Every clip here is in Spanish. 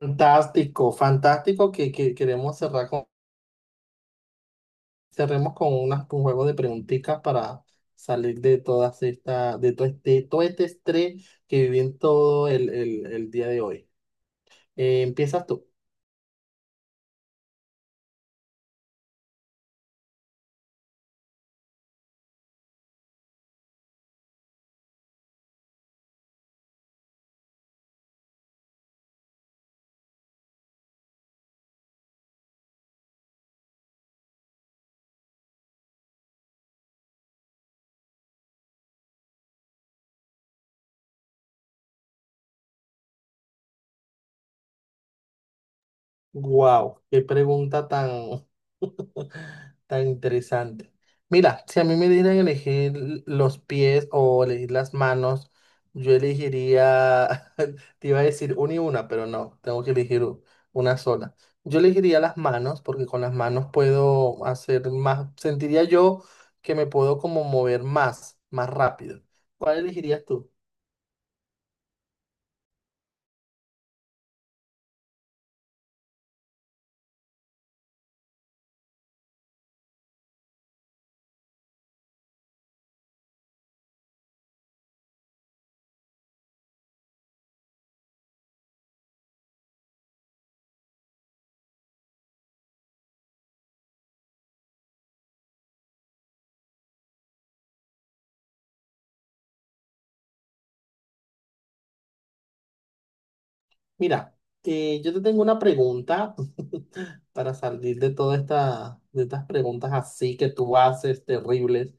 Fantástico, fantástico que queremos cerremos con un juego de preguntitas para salir de de todo este estrés que viví en todo el día de hoy. Empiezas tú. Wow, qué pregunta tan, tan interesante. Mira, si a mí me dieran elegir los pies o elegir las manos, yo elegiría, te iba a decir una y una, pero no, tengo que elegir una sola. Yo elegiría las manos porque con las manos puedo hacer más, sentiría yo que me puedo como mover más, más rápido. ¿Cuál elegirías tú? Mira, yo te tengo una pregunta para salir de de estas preguntas así que tú haces, terribles.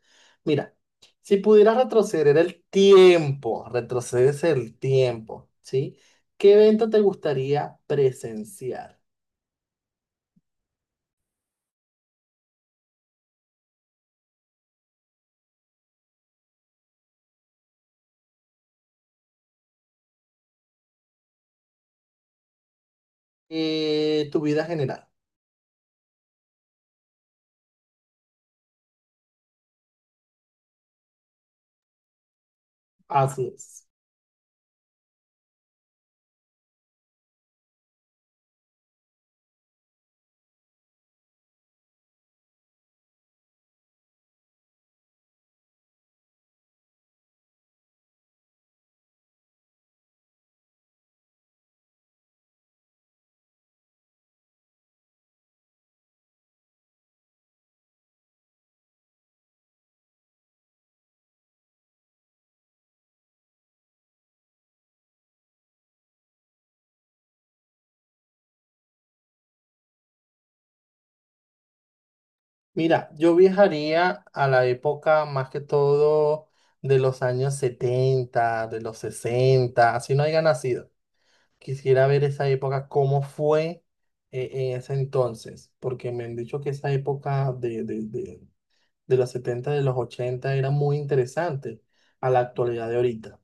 Mira, si pudieras retroceder el tiempo, retrocedes el tiempo, ¿sí? ¿Qué evento te gustaría presenciar? Tu vida general. Así es. Mira, yo viajaría a la época más que todo de los años 70, de los 60, así no haya nacido. Quisiera ver esa época, cómo fue en ese entonces, porque me han dicho que esa época de los 70 de los 80 era muy interesante a la actualidad de ahorita.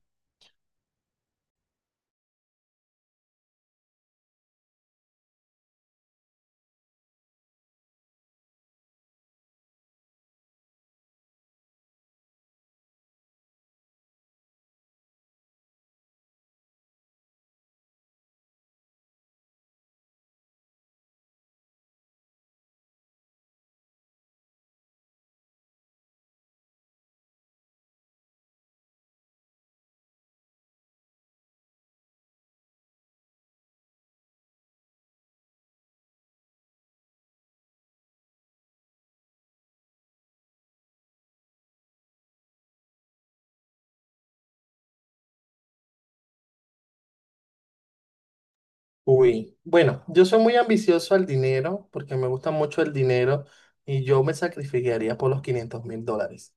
Uy, bueno, yo soy muy ambicioso al dinero, porque me gusta mucho el dinero y yo me sacrificaría por los 500.000 dólares.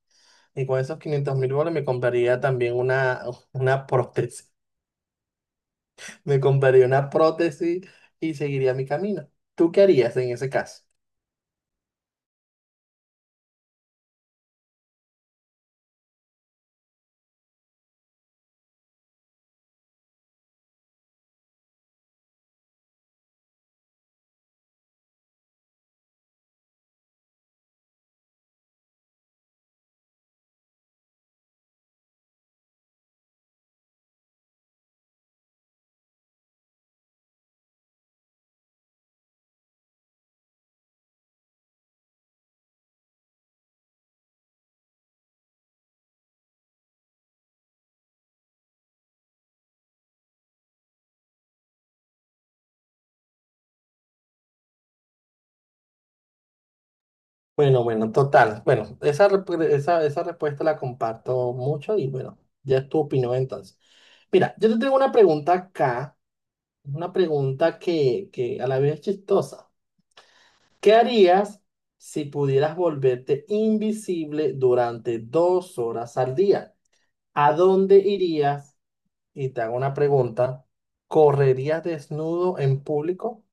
Y con esos 500.000 dólares me compraría también una prótesis. Me compraría una prótesis y seguiría mi camino. ¿Tú qué harías en ese caso? Bueno, bueno, total. Bueno, esa respuesta la comparto mucho y bueno, ya es tu opinión entonces. Mira, yo te tengo una pregunta acá, una pregunta que a la vez es chistosa. ¿Qué harías si pudieras volverte invisible durante 2 horas al día? ¿A dónde irías? Y te hago una pregunta. ¿Correrías desnudo en público?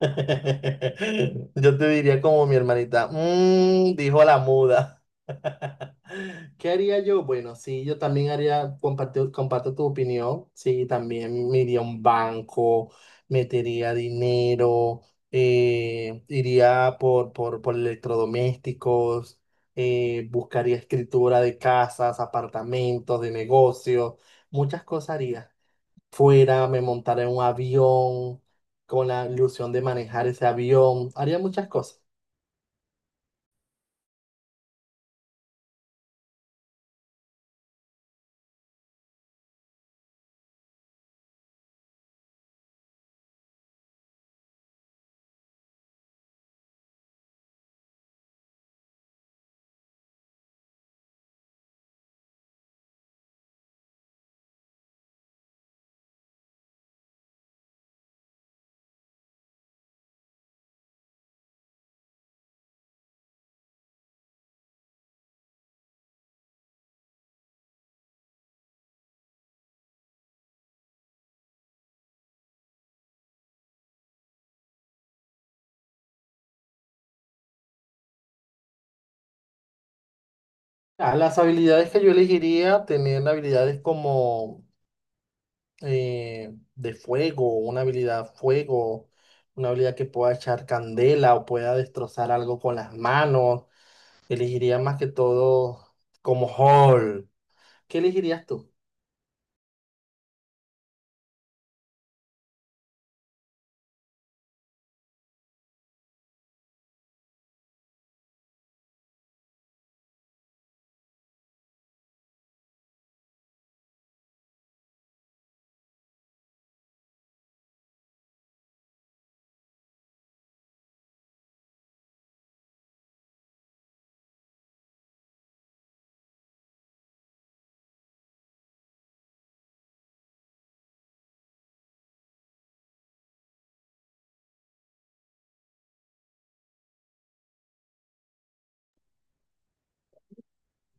Yo te diría como mi hermanita, "Mm", dijo la muda. ¿Qué haría yo? Bueno, sí, yo también haría, comparto, comparto tu opinión, sí, también me iría a un banco, metería dinero, iría por electrodomésticos, buscaría escritura de casas, apartamentos, de negocios, muchas cosas haría fuera, me montara en un avión con la ilusión de manejar ese avión, haría muchas cosas. Ah, las habilidades que yo elegiría, tener habilidades como de fuego, una habilidad que pueda echar candela o pueda destrozar algo con las manos. Elegiría más que todo como Hall. ¿Qué elegirías tú?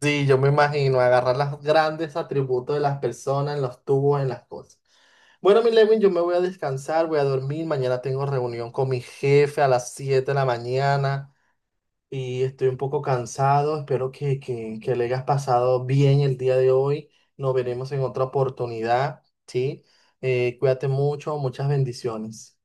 Sí, yo me imagino agarrar los grandes atributos de las personas, en los tubos, en las cosas. Bueno, mi Levin, yo me voy a descansar, voy a dormir. Mañana tengo reunión con mi jefe a las 7 de la mañana y estoy un poco cansado. Espero que le hayas pasado bien el día de hoy. Nos veremos en otra oportunidad, ¿sí? Cuídate mucho, muchas bendiciones.